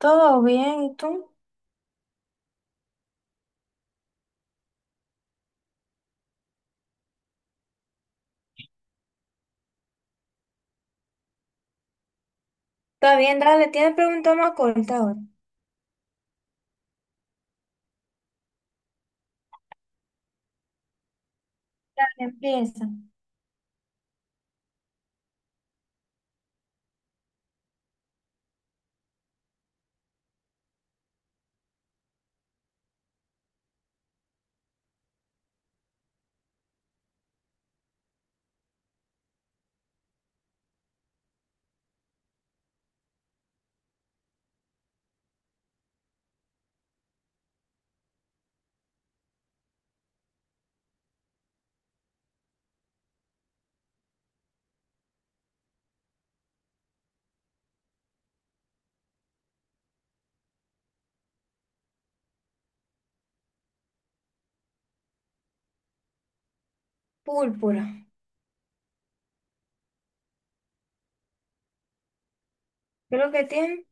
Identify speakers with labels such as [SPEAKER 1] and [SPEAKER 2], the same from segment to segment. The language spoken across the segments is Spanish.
[SPEAKER 1] Todo bien, ¿y tú? Está bien, dale, tienes preguntas más cortas ahora. Dale, empieza. Púrpura. ¿Qué es lo que tiene?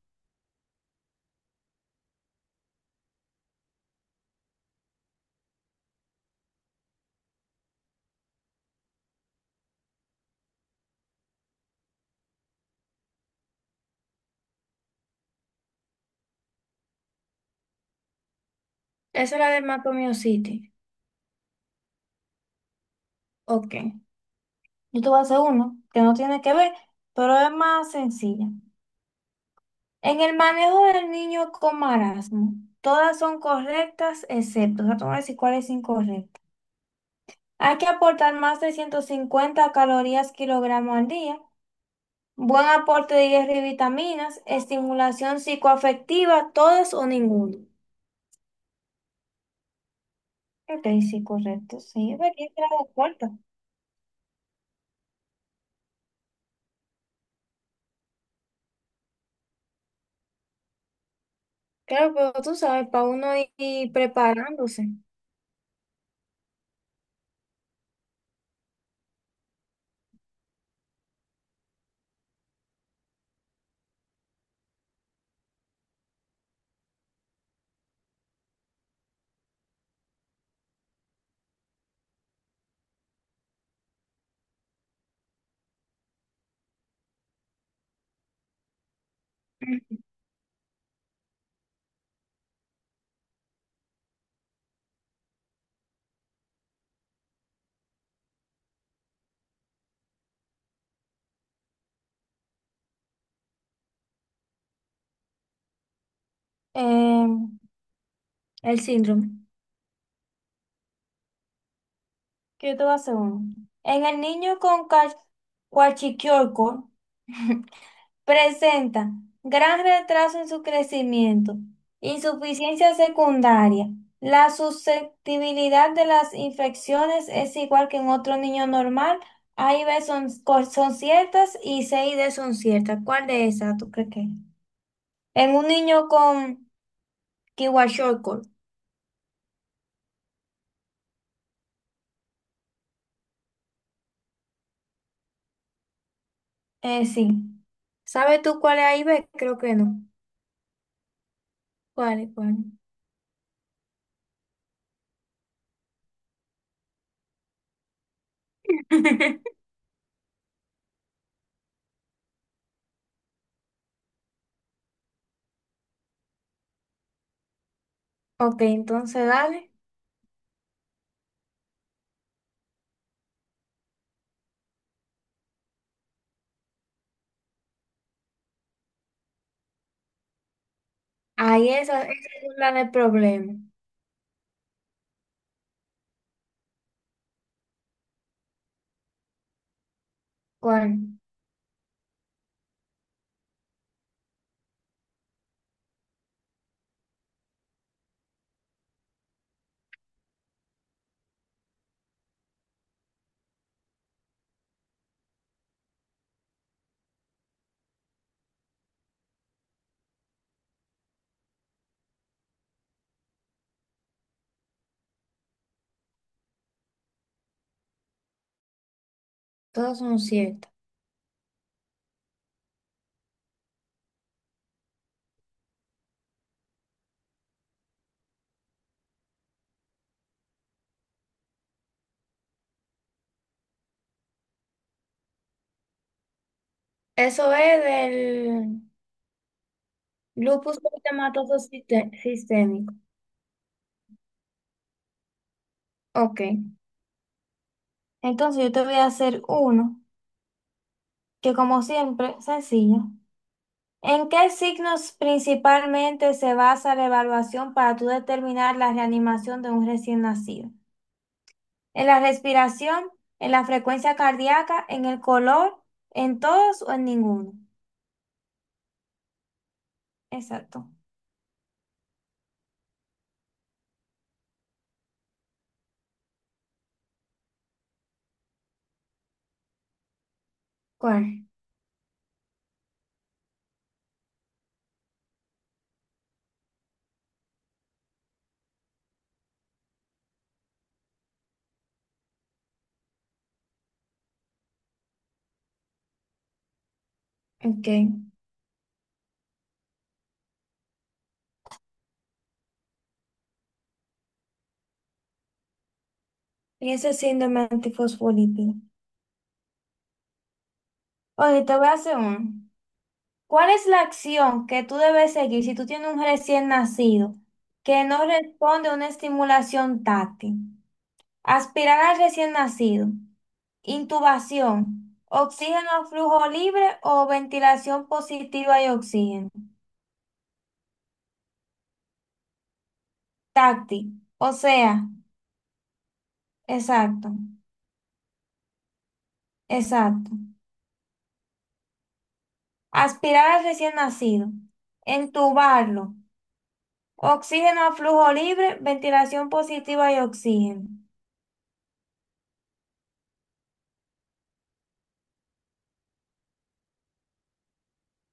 [SPEAKER 1] Esa es la del Macromio City. Ok. Yo te voy a hacer uno que no tiene que ver, pero es más sencilla. En el manejo del niño con marasmo, todas son correctas excepto, o sea, te voy a decir cuál es incorrecta. Hay que aportar más de 150 calorías kilogramo al día, buen aporte de hierro y vitaminas, estimulación psicoafectiva, todas o ninguna. Ok, sí, correcto. Sí, es verdad que era la cuarta. Claro, pero tú sabes, para uno ir preparándose. Eh, el síndrome. Que yo te voy a hacer uno. En el niño con cuachiquiorco presenta gran retraso en su crecimiento, insuficiencia secundaria. La susceptibilidad de las infecciones es igual que en otro niño normal. A y B son, son ciertas y C y D son ciertas. ¿Cuál de esas tú crees que es? En un niño con Kiwa-Shortcut. Sí. ¿Sabes tú cuál es A y B? Creo que no. ¿Cuál es cuál? Ok, entonces dale. Ahí esa, esa es la del problema. ¿Cuál? Todas son ciertas. Eso es del lupus eritematoso sistémico. Ok. Entonces yo te voy a hacer uno, que como siempre, sencillo. ¿En qué signos principalmente se basa la evaluación para tú determinar la reanimación de un recién nacido? ¿En la respiración, en la frecuencia cardíaca, en el color, en todos o en ninguno? Exacto. ¿Cuál? Ok. Y ese síndrome antifosfolípido. Oye, te voy a hacer uno. ¿Cuál es la acción que tú debes seguir si tú tienes un recién nacido que no responde a una estimulación táctil? Aspirar al recién nacido, intubación, oxígeno a flujo libre o ventilación positiva y oxígeno. Táctil, o sea, exacto, exacto. Aspirar al recién nacido, entubarlo, oxígeno a flujo libre, ventilación positiva y oxígeno.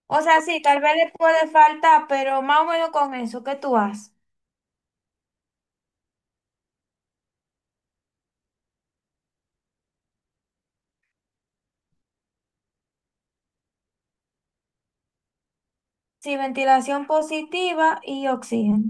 [SPEAKER 1] O sea, sí, tal vez le puede faltar, pero más o menos con eso, ¿qué tú haces? Sí, ventilación positiva y oxígeno.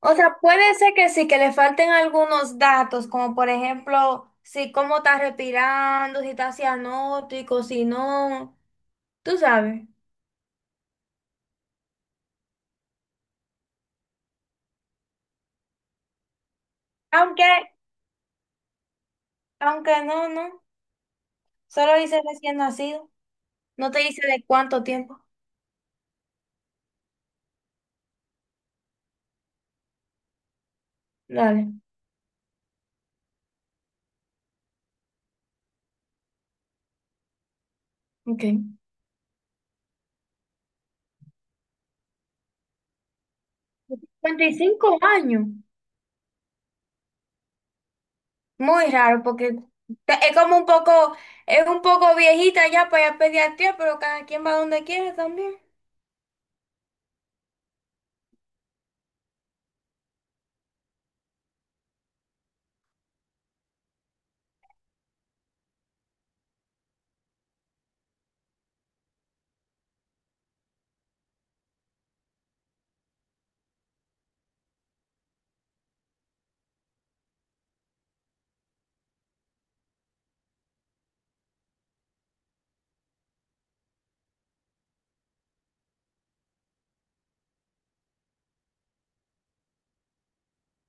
[SPEAKER 1] O sea, puede ser que sí, que le falten algunos datos, como por ejemplo, si cómo está respirando, si está cianótico, si no, tú sabes. Aunque, aunque no, no, solo dice recién nacido, no te dice de cuánto tiempo. Dale, ok. 25 años. Muy raro, porque es como un poco, es un poco viejita ya para ir a pediatría, pero cada quien va donde quiere también.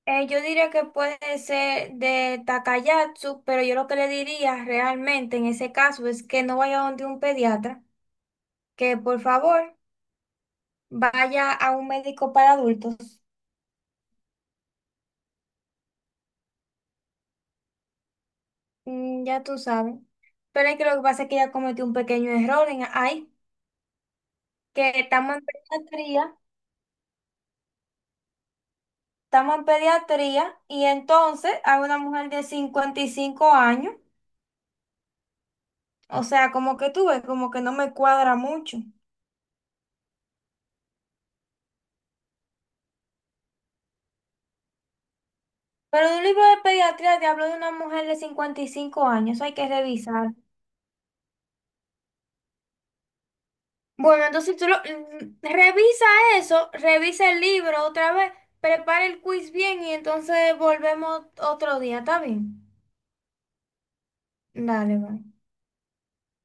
[SPEAKER 1] Yo diría que puede ser de Takayatsu, pero yo lo que le diría realmente en ese caso es que no vaya donde un pediatra, que por favor vaya a un médico para adultos. Mm, ya tú sabes. Pero es que lo que pasa es que ella cometió un pequeño error en ahí, que estamos en pediatría. Estamos en pediatría y entonces hay una mujer de 55 años. O sea, como que tú ves, como que no me cuadra mucho. Pero en un libro de pediatría te hablo de una mujer de 55 años, eso hay que revisar. Bueno, entonces tú lo, revisa eso, revisa el libro otra vez, prepara el quiz bien y entonces volvemos otro día, ¿está bien? Dale, va.